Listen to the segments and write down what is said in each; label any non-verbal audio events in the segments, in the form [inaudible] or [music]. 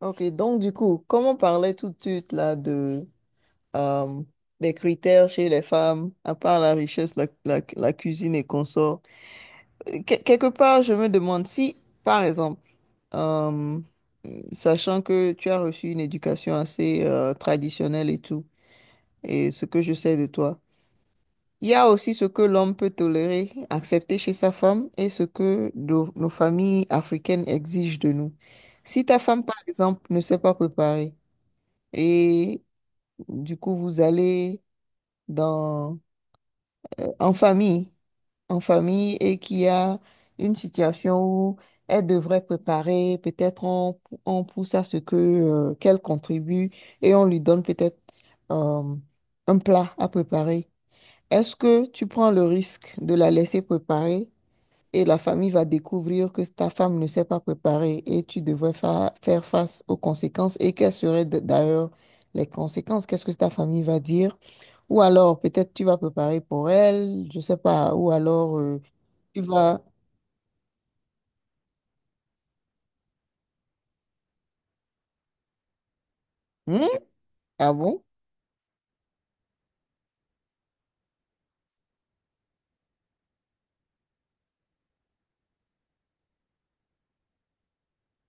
Ok, donc du coup, comme on parlait tout de suite là de euh, des critères chez les femmes, à part la richesse, la cuisine et consort, quelque part, je me demande si, par exemple, euh, sachant que tu as reçu une éducation assez traditionnelle et tout, et ce que je sais de toi, il y a aussi ce que l'homme peut tolérer, accepter chez sa femme et ce que nos familles africaines exigent de nous. Si ta femme, par exemple, ne sait pas préparer, du coup, vous allez dans, en famille, en famille, et qu'il y a une situation où elle devrait préparer, peut-être on pousse à ce que, qu'elle contribue et on lui donne peut-être euh, un plat à préparer. Est-ce que tu prends le risque de la laisser préparer et la famille va découvrir que ta femme ne sait pas préparer, et tu devrais faire face aux conséquences, et quelles seraient d'ailleurs les conséquences? Qu'est-ce que ta famille va dire? Ou alors, peut-être tu vas préparer pour elle, je sais pas. Ou alors, tu vas... Hmm? Ah bon?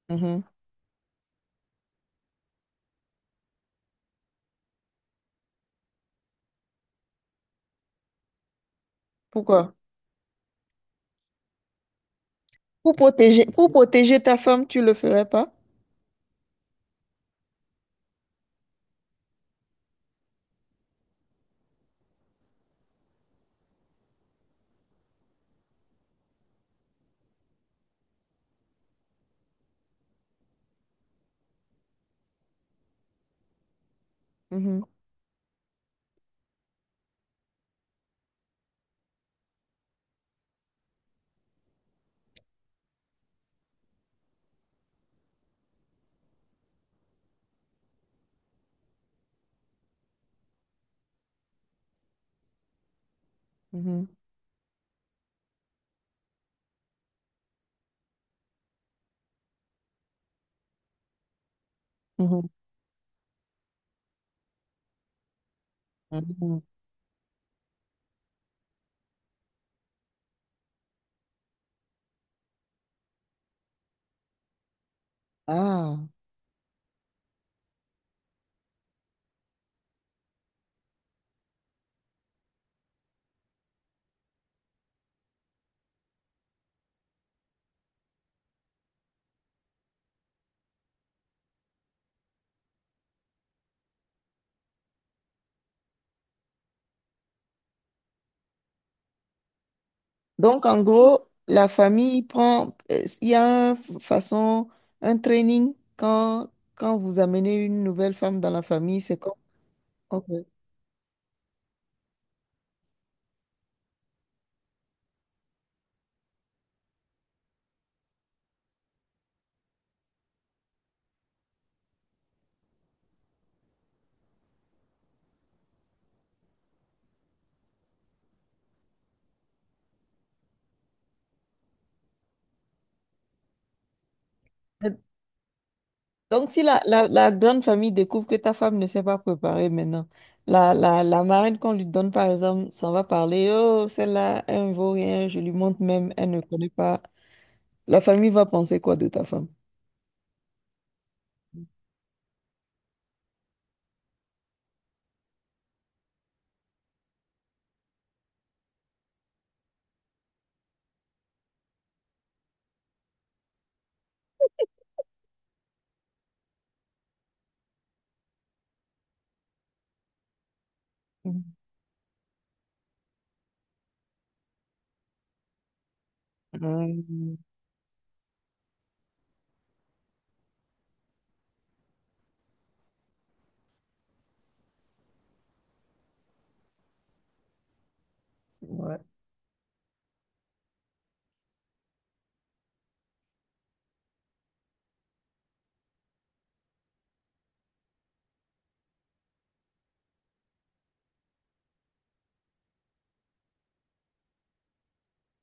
Mhm. Pourquoi? Pour protéger ta femme, tu le ferais pas? Mhm, mhm, mhm, mhm. Mhm. Ah. Donc, en gros, la famille prend, il y a une façon, un training quand, quand vous amenez une nouvelle femme dans la famille, c'est comme... Ok. Donc, si la grande famille découvre que ta femme ne s'est pas préparée maintenant, la marraine qu'on lui donne, par exemple, s'en va parler, oh, celle-là, elle ne vaut rien, je lui montre même, elle ne connaît pas. La famille va penser quoi de ta femme? Hum, ouais.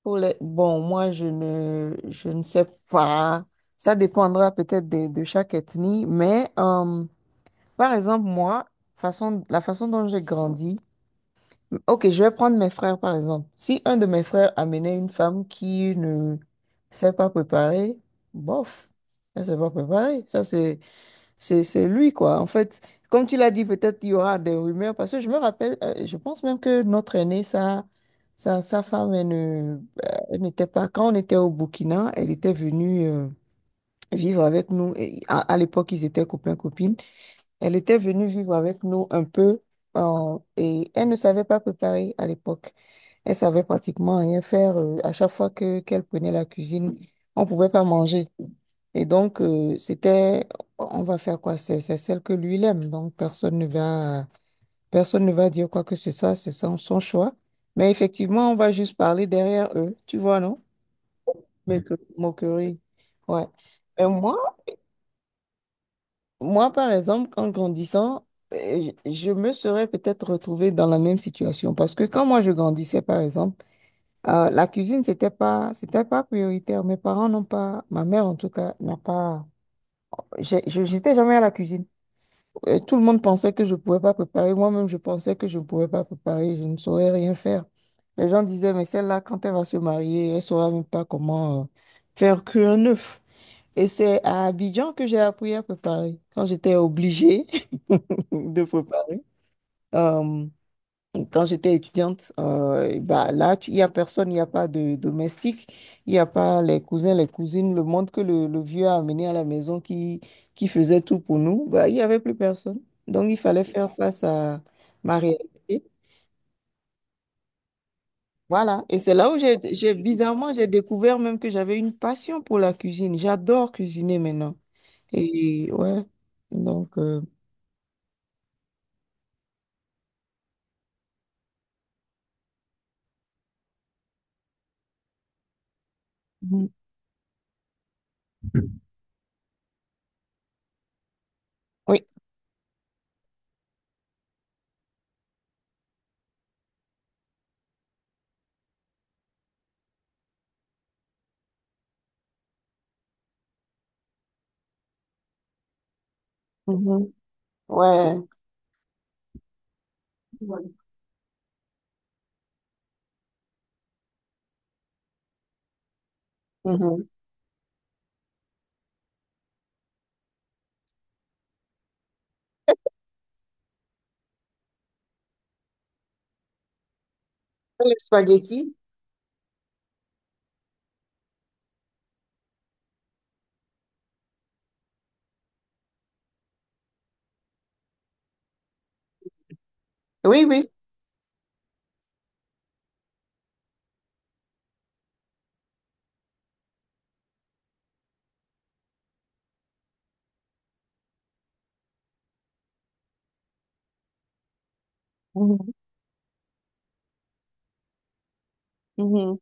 Pour les... Bon, moi, je ne sais pas. Ça dépendra peut-être de chaque ethnie, mais par exemple, moi, la façon dont j'ai grandi, ok, je vais prendre mes frères par exemple. Si un de mes frères amenait une femme qui ne s'est pas préparée, bof, elle ne s'est pas préparée. C'est lui, quoi. En fait, comme tu l'as dit, peut-être il y aura des rumeurs parce que je me rappelle, je pense même que notre aîné, sa femme, elle n'était pas, quand on était au Burkina, elle était venue vivre avec nous. Et à l'époque, ils étaient copains-copines. Elle était venue vivre avec nous un peu et elle ne savait pas préparer à l'époque. Elle savait pratiquement rien faire. À chaque fois que qu'elle prenait la cuisine, on pouvait pas manger. Et donc, on va faire quoi? C'est celle que lui il aime. Donc, personne ne va dire quoi que ce soit. C'est son choix. Mais effectivement, on va juste parler derrière eux. Tu vois, non? Mais que moquerie. Ouais. Et moi, par exemple, en grandissant, je me serais peut-être retrouvée dans la même situation. Parce que quand moi, je grandissais, par exemple, euh, la cuisine, c'était pas prioritaire. Mes parents n'ont pas, ma mère en tout cas, n'a pas. J'étais jamais à la cuisine. Tout le monde pensait que je ne pouvais pas préparer. Moi-même, je pensais que je ne pouvais pas préparer. Je ne saurais rien faire. Les gens disaient, mais celle-là, quand elle va se marier, elle ne saura même pas comment faire cuire un œuf. Et c'est à Abidjan que j'ai appris à préparer. Quand j'étais obligée [laughs] de préparer. Euh, quand j'étais étudiante, bah là, il n'y a personne, il n'y a pas de domestique, il n'y a pas les cousins, les cousines, le monde que le vieux a amené à la maison qui faisait tout pour nous, bah, il n'y avait plus personne. Donc, il fallait faire face à ma réalité. Voilà. Et c'est là où bizarrement, j'ai découvert même que j'avais une passion pour la cuisine. J'adore cuisiner maintenant. Et ouais, donc, mhm. Oui. Mhm. Ouais. Mhm. Les spaghettis. Oui, oui. Mhm. Mhm.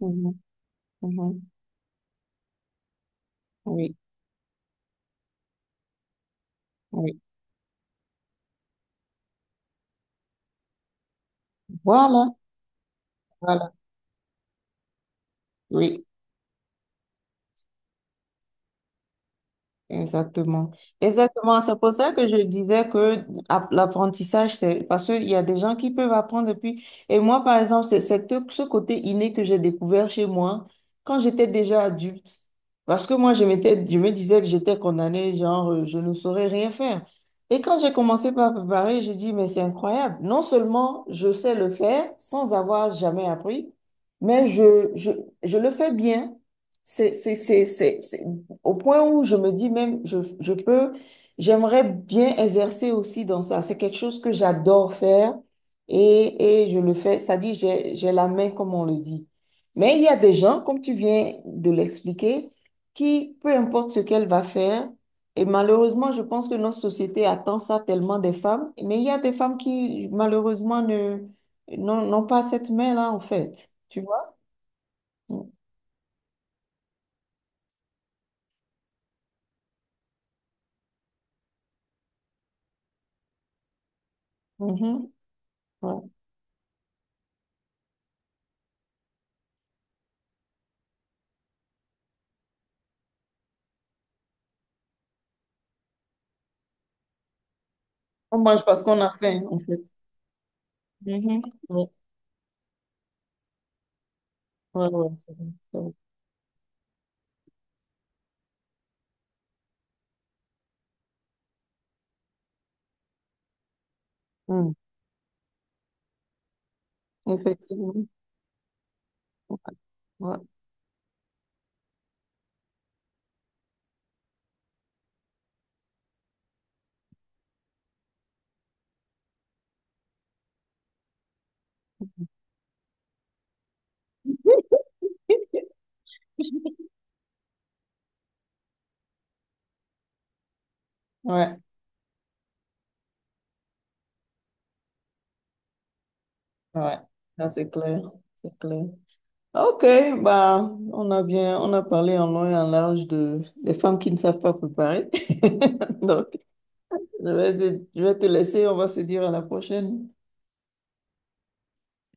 Mhm, mhm. Oui, oui. Voilà, voilà, oui. Exactement. Exactement. C'est pour ça que je disais que l'apprentissage, c'est parce qu'il y a des gens qui peuvent apprendre depuis. Et moi, par exemple, c'est tout ce côté inné que j'ai découvert chez moi quand j'étais déjà adulte. Parce que moi, je me disais que j'étais condamnée, genre, je ne saurais rien faire. Et quand j'ai commencé par préparer, j'ai dit, mais c'est incroyable. Non seulement je sais le faire sans avoir jamais appris, mais je le fais bien. C'est, c'est, c'est, c'est, c'est- Au point où je me dis même, je peux, j'aimerais bien exercer aussi dans ça. C'est quelque chose que j'adore faire et je le fais. Ça dit, j'ai la main, comme on le dit. Mais il y a des gens, comme tu viens de l'expliquer, qui, peu importe ce qu'elle va faire, et malheureusement, je pense que notre société attend ça tellement des femmes, mais il y a des femmes qui, malheureusement, ne, n'ont pas cette main-là, en fait. Tu vois? Mhm. Ouais. On mange parce qu'on a faim, en fait. Mhm. Ouais, ouais, c'est vrai, c'est vrai. Hmm. Effectivement. Ouais, ouais, ouais. Ça, c'est clair. C'est clair. OK, bah, on a parlé en long et en large de, des femmes qui ne savent pas préparer. [laughs] Donc, je vais te laisser, on va se dire à la prochaine.